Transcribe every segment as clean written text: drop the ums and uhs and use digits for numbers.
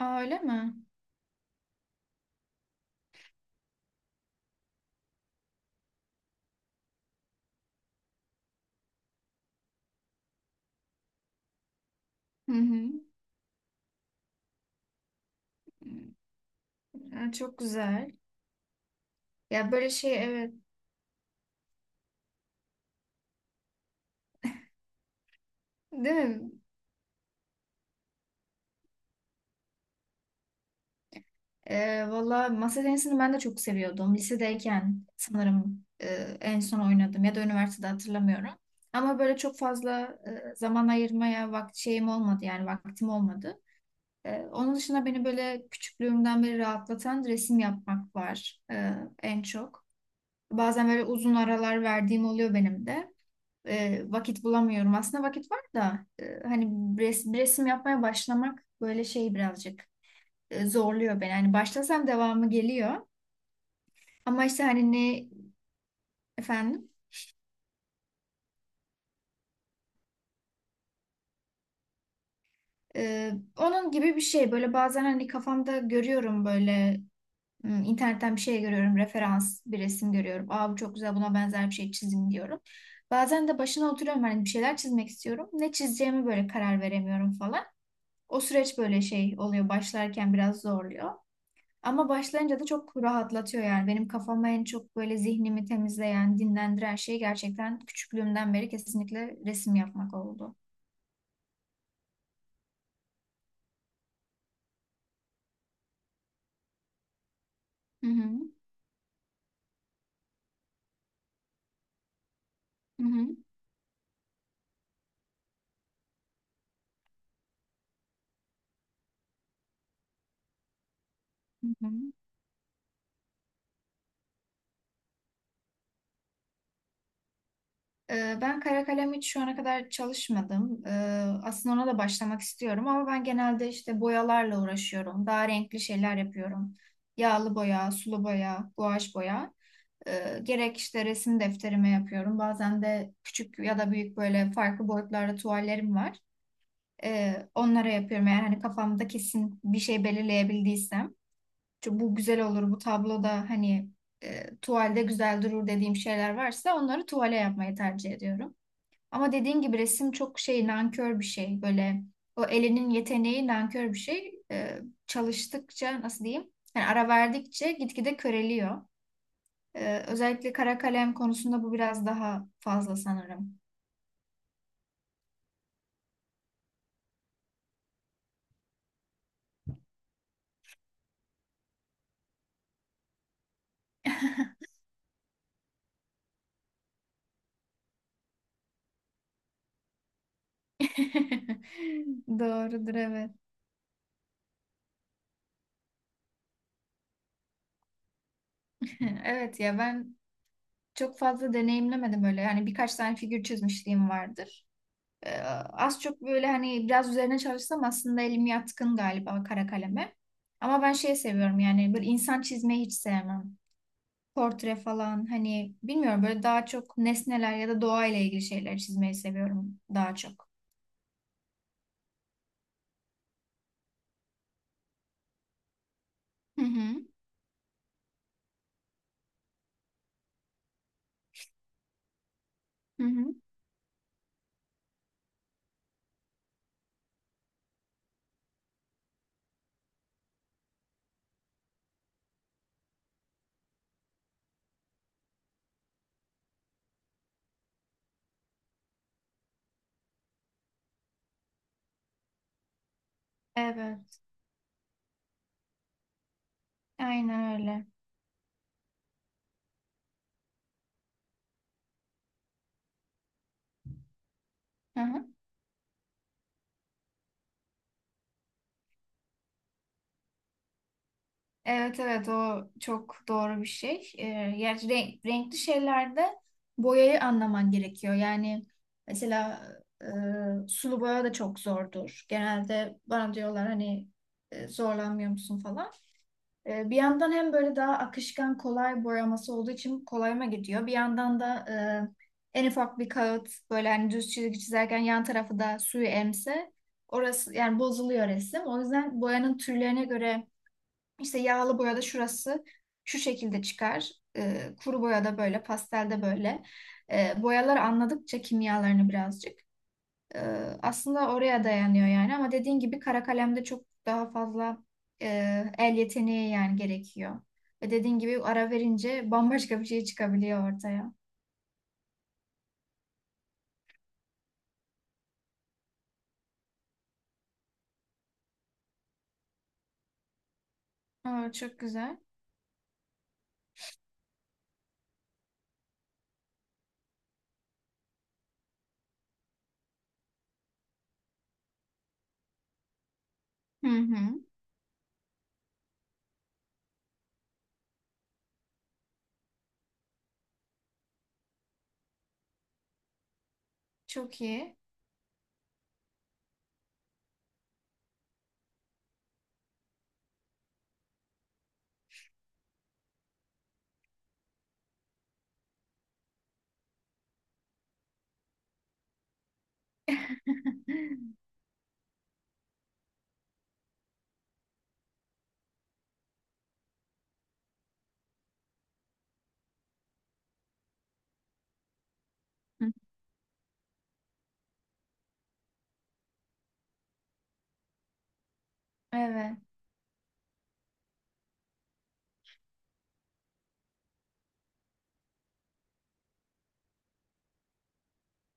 Aa, öyle mi? Hı hı. Aa, çok güzel. Ya böyle şey, evet, değil mi? Valla masa tenisini ben de çok seviyordum. Lisedeyken sanırım en son oynadım ya da üniversitede hatırlamıyorum. Ama böyle çok fazla zaman ayırmaya şeyim olmadı, yani vaktim olmadı. Onun dışında beni böyle küçüklüğümden beri rahatlatan resim yapmak var, en çok. Bazen böyle uzun aralar verdiğim oluyor benim de. Vakit bulamıyorum. Aslında vakit var da, hani bir resim yapmaya başlamak böyle şey birazcık zorluyor beni. Hani başlasam devamı geliyor. Ama işte hani ne efendim, onun gibi bir şey. Böyle bazen hani kafamda görüyorum, böyle internetten bir şey görüyorum, referans bir resim görüyorum. Aa, bu çok güzel, buna benzer bir şey çizeyim diyorum. Bazen de başına oturuyorum, hani bir şeyler çizmek istiyorum. Ne çizeceğimi böyle karar veremiyorum falan. O süreç böyle şey oluyor, başlarken biraz zorluyor. Ama başlayınca da çok rahatlatıyor yani. Benim kafama en çok böyle zihnimi temizleyen, dinlendiren şey gerçekten küçüklüğümden beri kesinlikle resim yapmak oldu. Hı hı. Hı hı. Hı hı. Ben kara kalem hiç şu ana kadar çalışmadım. Aslında ona da başlamak istiyorum, ama ben genelde işte boyalarla uğraşıyorum. Daha renkli şeyler yapıyorum. Yağlı boya, sulu boya, guaj boya. Gerek işte resim defterime yapıyorum. Bazen de küçük ya da büyük, böyle farklı boyutlarda tuvallerim var. Onlara yapıyorum eğer hani kafamda kesin bir şey belirleyebildiysem. Çünkü bu güzel olur, bu tabloda hani tuvalde güzel durur dediğim şeyler varsa onları tuvale yapmayı tercih ediyorum. Ama dediğin gibi resim çok şey, nankör bir şey. Böyle o elinin yeteneği nankör bir şey. Çalıştıkça, nasıl diyeyim, yani ara verdikçe gitgide köreliyor. Özellikle kara kalem konusunda bu biraz daha fazla sanırım. Doğrudur, evet. Evet ya, ben çok fazla deneyimlemedim öyle. Yani birkaç tane figür çizmişliğim vardır. Ee, Az çok böyle hani biraz üzerine çalışsam aslında elim yatkın galiba kara kaleme. Ama ben şey seviyorum, yani böyle insan çizmeyi hiç sevmem. Portre falan, hani bilmiyorum, böyle daha çok nesneler ya da doğayla ilgili şeyler çizmeyi seviyorum daha çok. Hı hı. Hı hı. Evet. Aynen öyle. Evet evet, o çok doğru bir şey. Yani renkli şeylerde boyayı anlaman gerekiyor. Yani mesela sulu boya da çok zordur. Genelde bana diyorlar hani zorlanmıyor musun falan. E, bir yandan hem böyle daha akışkan, kolay boyaması olduğu için kolayıma gidiyor. Bir yandan da en ufak bir kağıt böyle hani düz çizgi çizerken yan tarafı da suyu emse orası yani bozuluyor resim. O yüzden boyanın türlerine göre, işte yağlı boyada şurası şu şekilde çıkar. E, kuru boyada böyle, pastelde böyle. E, boyalar anladıkça kimyalarını birazcık, e, aslında oraya dayanıyor yani. Ama dediğin gibi kara kalemde çok daha fazla e, el yeteneği yani gerekiyor. Ve dediğin gibi ara verince bambaşka bir şey çıkabiliyor ortaya. Aa, çok güzel. Hı hı. Çok iyi. Evet.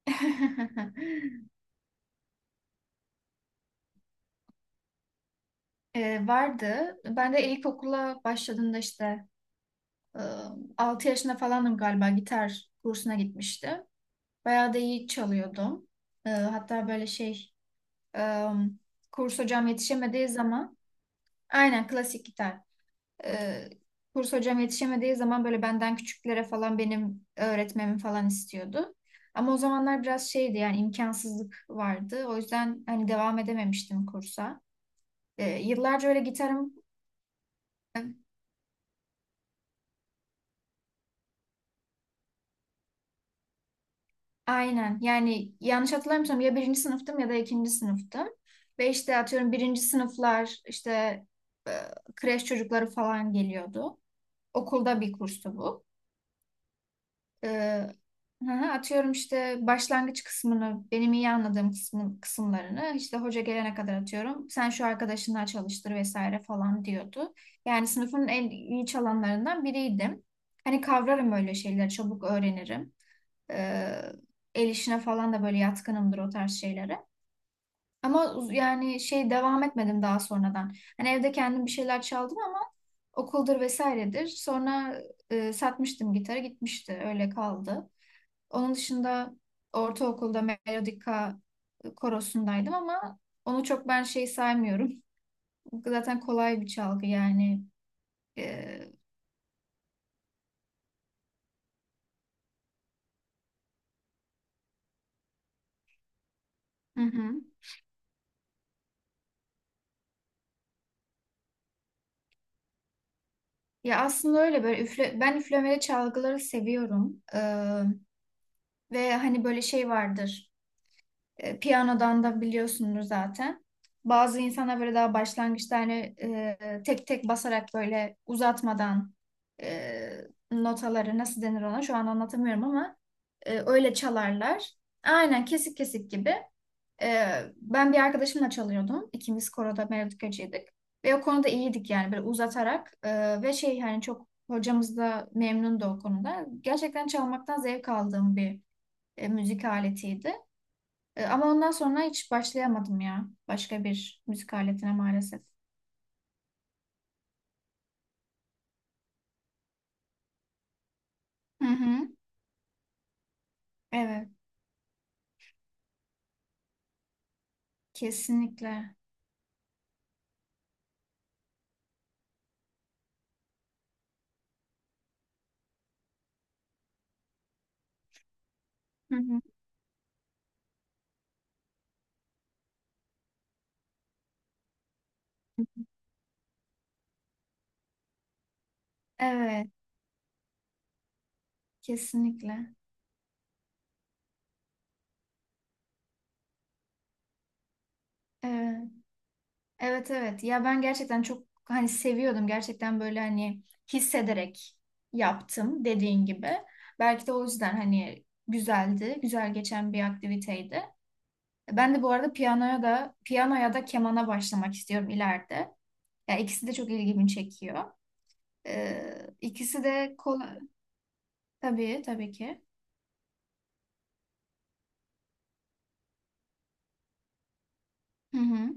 Vardı. Ben de ilkokula başladığımda işte, e, altı yaşında falandım galiba, gitar kursuna gitmişti. Bayağı da iyi çalıyordum. Hatta böyle şey, e, kurs hocam yetişemediği zaman aynen klasik gitar. Ee, kurs hocam yetişemediği zaman böyle benden küçüklere falan benim öğretmemi falan istiyordu. Ama o zamanlar biraz şeydi yani, imkansızlık vardı. O yüzden hani devam edememiştim kursa. Yıllarca öyle gitarım. Aynen. Yani yanlış hatırlamıyorsam ya birinci sınıftım ya da ikinci sınıftım. Ve işte atıyorum, birinci sınıflar, işte e, kreş çocukları falan geliyordu. Okulda bir kurstu bu. E, hı hı, atıyorum işte başlangıç kısmını, benim iyi anladığım kısımlarını işte hoca gelene kadar atıyorum. Sen şu arkadaşınla çalıştır vesaire falan diyordu. Yani sınıfın en iyi çalanlarından biriydim. Hani kavrarım öyle şeyleri, çabuk öğrenirim. Ee, El işine falan da böyle yatkınımdır, o tarz şeylere. Ama yani şey, devam etmedim daha sonradan. Hani evde kendim bir şeyler çaldım ama okuldur vesairedir. Sonra satmıştım gitarı, gitmişti, öyle kaldı. Onun dışında ortaokulda melodika korosundaydım ama onu çok ben şey saymıyorum. Zaten kolay bir çalgı yani. Ee, hı hı. Ya aslında öyle, böyle üfle, ben üflemeli çalgıları seviyorum. Ve hani böyle şey vardır, piyanodan da biliyorsundur zaten. Bazı insanlar böyle daha başlangıçta hani tek tek basarak, böyle uzatmadan, e, notaları nasıl denir ona şu an anlatamıyorum ama öyle çalarlar. Aynen, kesik kesik gibi. E, ben bir arkadaşımla çalıyordum. İkimiz koroda melodikacıydık. Ve o konuda iyiydik, yani böyle uzatarak ve şey, hani çok hocamız da memnundu o konuda. Gerçekten çalmaktan zevk aldığım bir müzik aletiydi. E, ama ondan sonra hiç başlayamadım ya, başka bir müzik aletine maalesef. Hı hı. Evet, kesinlikle. Hı hı. Evet, kesinlikle. Evet. Evet, evet. Ya ben gerçekten çok hani seviyordum. Gerçekten böyle hani hissederek yaptım, dediğin gibi. Belki de o yüzden hani güzeldi, güzel geçen bir aktiviteydi. Ben de bu arada piyanoya da kemana başlamak istiyorum ileride. Ya ikisi de çok ilgimi çekiyor. İkisi de kolay. Tabii, tabii ki. Hı hı.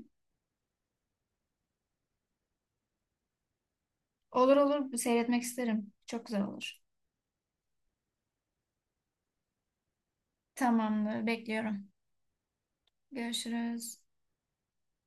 Olur olur, seyretmek isterim. Çok güzel olur. Tamamdır, bekliyorum. Görüşürüz.